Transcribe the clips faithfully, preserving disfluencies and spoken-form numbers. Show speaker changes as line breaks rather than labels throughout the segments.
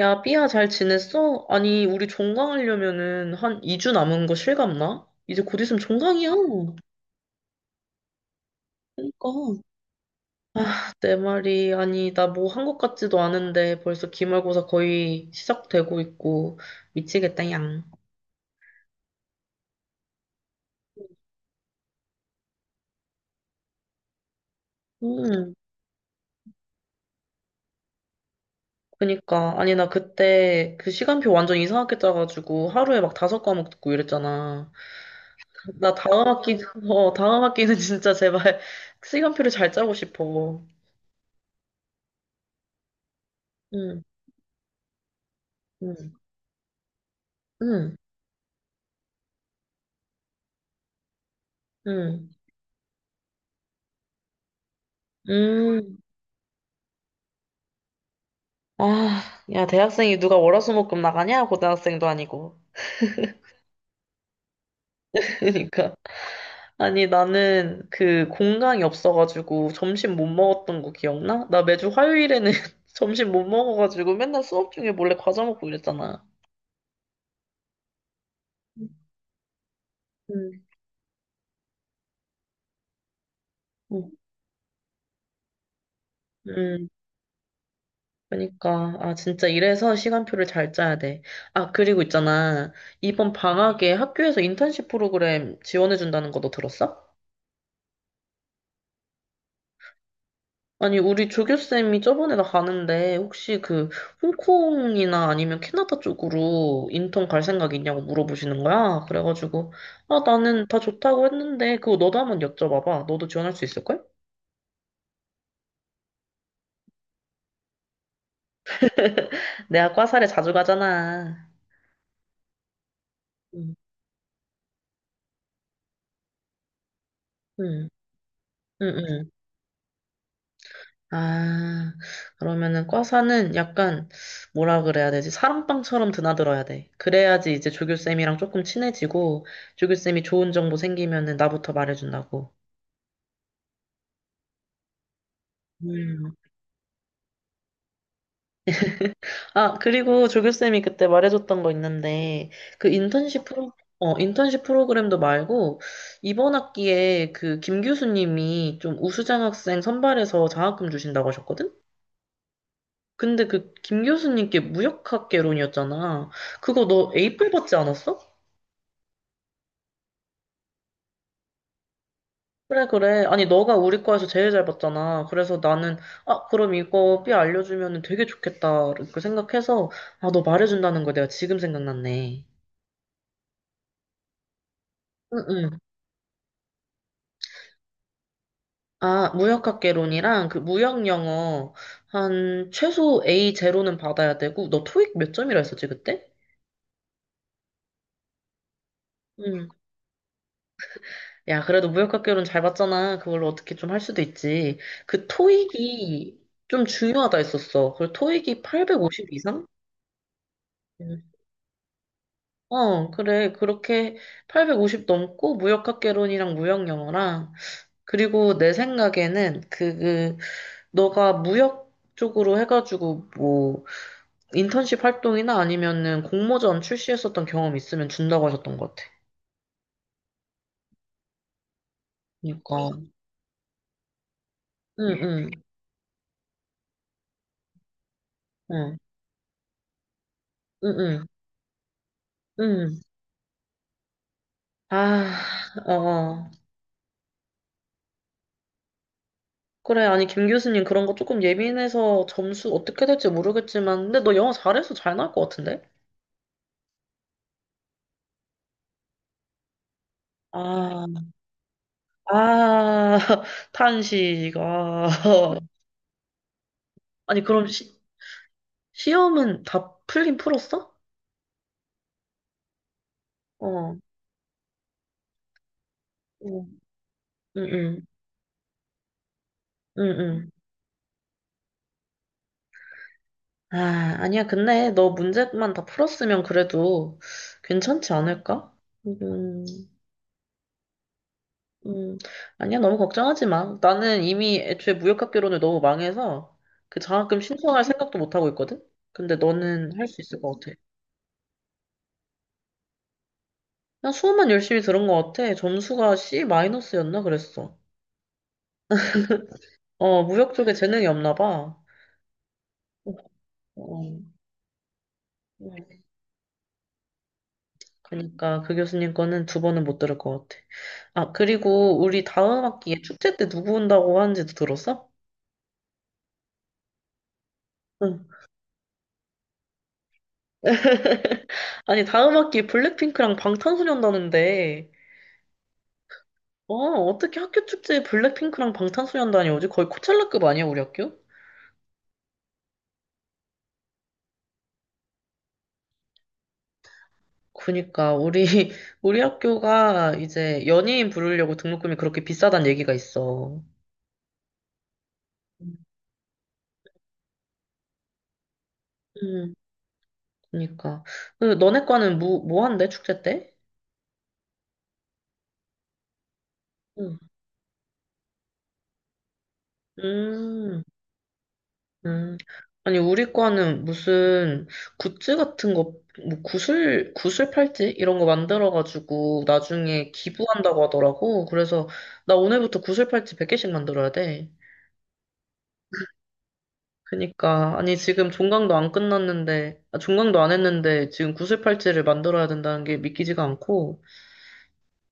야, 삐야, 잘 지냈어? 아니, 우리 종강하려면은 한 이 주 남은 거 실감나? 이제 곧 있으면 종강이야. 그러니까. 아, 내 말이. 아니, 나 뭐 한 것 같지도 않은데 벌써 기말고사 거의 시작되고 있고. 미치겠다, 양. 음, 그니까. 아니, 나 그때 그 시간표 완전 이상하게 짜가지고 하루에 막 다섯 과목 듣고 이랬잖아. 나 다음 학기, 어, 다음 학기는 진짜 제발 시간표를 잘 짜고 싶어. 응, 응, 응, 응. 음, 아, 야, 대학생이 누가 월화수목금 나가냐? 고등학생도 아니고. 그러니까. 아니, 나는 그 공강이 없어가지고 점심 못 먹었던 거 기억나? 나 매주 화요일에는 점심 못 먹어가지고 맨날 수업 중에 몰래 과자 먹고 이랬잖아. 음, 음, 음. 그러니까. 아, 진짜 이래서 시간표를 잘 짜야 돼. 아, 그리고 있잖아. 이번 방학에 학교에서 인턴십 프로그램 지원해준다는 거 너 들었어? 아니, 우리 조교쌤이 저번에 나 가는데, 혹시 그, 홍콩이나 아니면 캐나다 쪽으로 인턴 갈 생각 있냐고 물어보시는 거야? 그래가지고, 아, 나는 다 좋다고 했는데, 그거 너도 한번 여쭤봐봐. 너도 지원할 수 있을걸? 내가 과사를 자주 가잖아. 응, 응, 응, 응. 아, 그러면은 과사는 약간, 뭐라 그래야 되지? 사랑방처럼 드나들어야 돼. 그래야지 이제 조교쌤이랑 조금 친해지고, 조교쌤이 좋은 정보 생기면은 나부터 말해준다고. 음, 아, 그리고 조교쌤이 그때 말해줬던 거 있는데, 그 인턴십 프로, 어, 인턴십 프로그램도 말고, 이번 학기에 그 김 교수님이 좀 우수장 학생 선발해서 장학금 주신다고 하셨거든? 근데 그 김 교수님께 무역학개론이었잖아. 그거 너 에이 포 받지 않았어? 그래, 그래. 아니, 너가 우리 과에서 제일 잘 봤잖아. 그래서 나는, 아, 그럼 이거 B 알려주면 되게 좋겠다. 이렇게 생각해서, 아, 너 말해준다는 거 내가 지금 생각났네. 응응. 아, 무역학개론이랑 그 무역영어 한 최소 에이 제로는 받아야 되고 너 토익 몇 점이라 했었지 그때? 응. 야, 그래도 무역학개론 잘 봤잖아. 그걸로 어떻게 좀 할 수도 있지. 그 토익이 좀 중요하다 했었어. 그 토익이 팔백오십 이상? 응. 어, 그래. 그렇게 팔백오십 넘고 무역학개론이랑 무역영어랑 그리고 내 생각에는 그, 그 너가 무역 쪽으로 해가지고 뭐 인턴십 활동이나 아니면은 공모전 출시했었던 경험 있으면 준다고 하셨던 것 같아. 그러니까, 응, 응, 응, 응, 응, 응. 아, 어, 어. 그래, 아니, 김 교수님 그런 거 조금 예민해서 점수 어떻게 될지 모르겠지만, 근데 너 영어 잘해서 잘 나올 것 같은데? 아, 아, 탄식, 아. 아니, 그럼 시, 시험은 다 풀긴 풀었어? 어, 어. 응, 응, 응, 응. 아, 아니야. 근데 너 문제만 다 풀었으면 그래도 괜찮지 않을까? 음, 음, 아니야. 너무 걱정하지 마. 나는 이미 애초에 무역학개론을 너무 망해서 그 장학금 신청할 생각도 못 하고 있거든? 근데 너는 할 수 있을 것 같아. 난 수업만 열심히 들은 것 같아. 점수가 C 마이너스였나 그랬어. 어, 무역 쪽에 재능이 없나 봐. 어, 어. 어. 그러니까 그 교수님 거는 두 번은 못 들을 것 같아. 아, 그리고 우리 다음 학기에 축제 때 누구 온다고 하는지도 들었어? 응. 아니, 다음 학기에 블랙핑크랑 방탄소년단인데, 어, 어떻게 학교 축제에 블랙핑크랑 방탄소년단이 오지? 거의 코첼라급 아니야, 우리 학교? 그니까, 우리, 우리 학교가 이제 연예인 부르려고 등록금이 그렇게 비싸단 얘기가 있어. 음, 그니까. 그, 너네 과는 뭐, 뭐 한대, 축제 때? 응. 음. 음, 아니, 우리 과는 무슨 굿즈 같은 거, 뭐 구슬, 구슬 팔찌? 이런 거 만들어가지고 나중에 기부한다고 하더라고. 그래서 나 오늘부터 구슬 팔찌 백 개씩 만들어야 돼. 그니까, 아니, 지금 종강도 안 끝났는데, 아, 종강도 안 했는데 지금 구슬 팔찌를 만들어야 된다는 게 믿기지가 않고,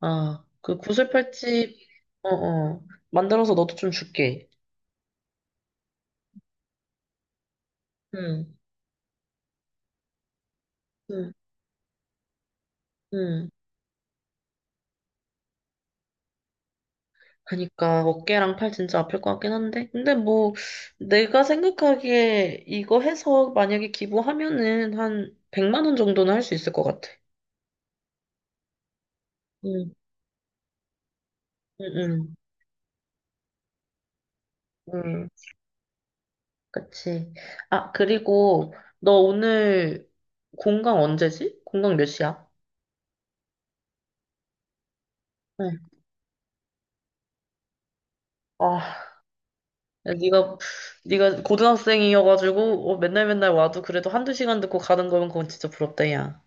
아, 그 구슬 팔찌, 어어, 만들어서 너도 좀 줄게. 응, 응, 응. 그러니까 어깨랑 팔 진짜 아플 것 같긴 한데 근데 뭐 내가 생각하기에 이거 해서 만약에 기부하면은 한 백만 원 정도는 할 수 있을 것 같아. 응, 응, 응, 응, 그치. 아, 그리고 너 오늘 공강 언제지? 공강 몇 시야? 응. 아, 야, 네가 네가 고등학생이어가지고 어, 맨날 맨날 와도 그래도 한두 시간 듣고 가는 거면 그건 진짜 부럽다, 야.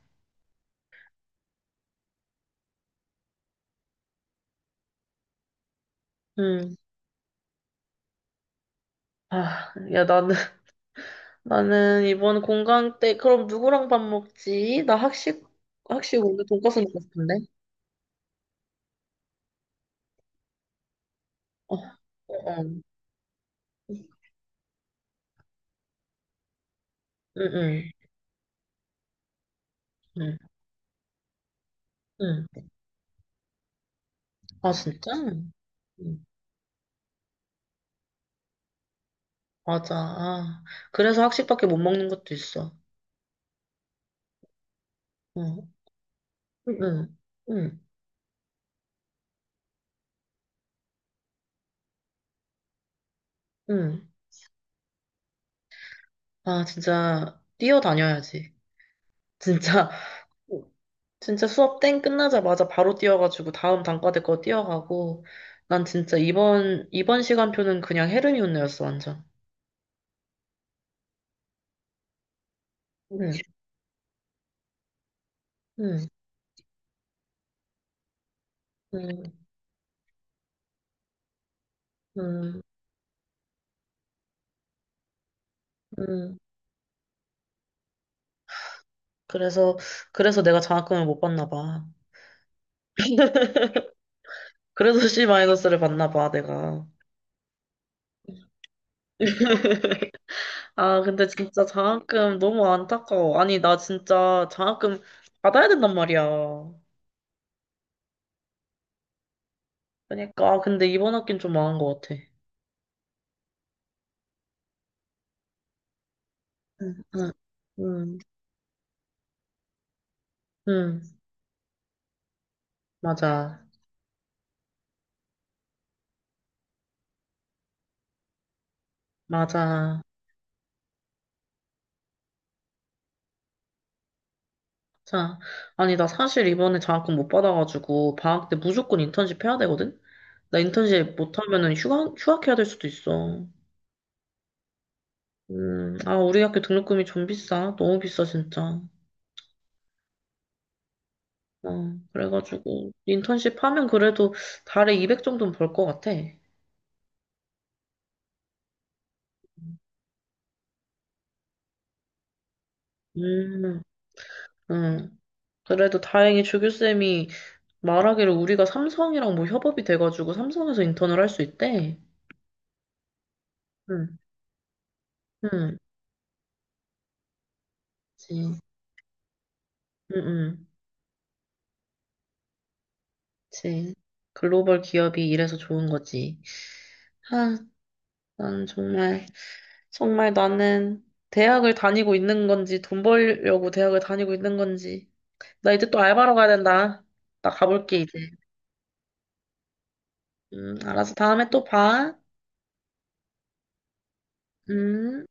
응. 아, 야, 나는 나는 이번 공강 때, 그럼 누구랑 밥 먹지? 나 학식, 학식 오늘 돈까스 먹고 싶은데? 어, 어, 어. 응, 응, 응, 응. 아, 진짜? 응, 맞아. 아, 그래서 학식밖에 못 먹는 것도 있어. 어, 응, 응, 응, 응. 아, 진짜, 뛰어다녀야지. 진짜, 진짜 수업 땡 끝나자마자 바로 뛰어가지고 다음 단과대 거 뛰어가고, 난 진짜 이번, 이번 시간표는 그냥 헤르미온느였어, 완전. 응. 음, 음, 음, 음. 그래서, 그래서 내가 장학금을 못 받나 봐. 그래서 C-를 마이너스 받나 봐, 내가. 아, 근데 진짜 장학금 너무 안타까워. 아니, 나 진짜 장학금 받아야 된단 말이야. 그러니까, 아, 근데 이번 학기는 좀 망한 것 같아. 응, 응, 응, 응, 맞아, 맞아. 자, 아니, 나 사실 이번에 장학금 못 받아가지고, 방학 때 무조건 인턴십 해야 되거든? 나 인턴십 못하면은 휴학, 휴학해야 될 수도 있어. 음, 아, 우리 학교 등록금이 좀 비싸. 너무 비싸, 진짜. 어, 그래가지고, 인턴십 하면 그래도 달에 이백 정도는 벌 것 같아. 음, 음. 그래도 다행히 조교쌤이 말하기를 우리가 삼성이랑 뭐 협업이 돼가지고 삼성에서 인턴을 할 수 있대. 응, 응, 그치. 응, 응, 그치. 글로벌 기업이 이래서 좋은 거지. 아, 난 정말, 정말 나는 대학을 다니고 있는 건지, 돈 벌려고 대학을 다니고 있는 건지, 나 이제 또 알바로 가야 된다. 나 가볼게, 이제. 음, 알았어. 다음에 또 봐. 음.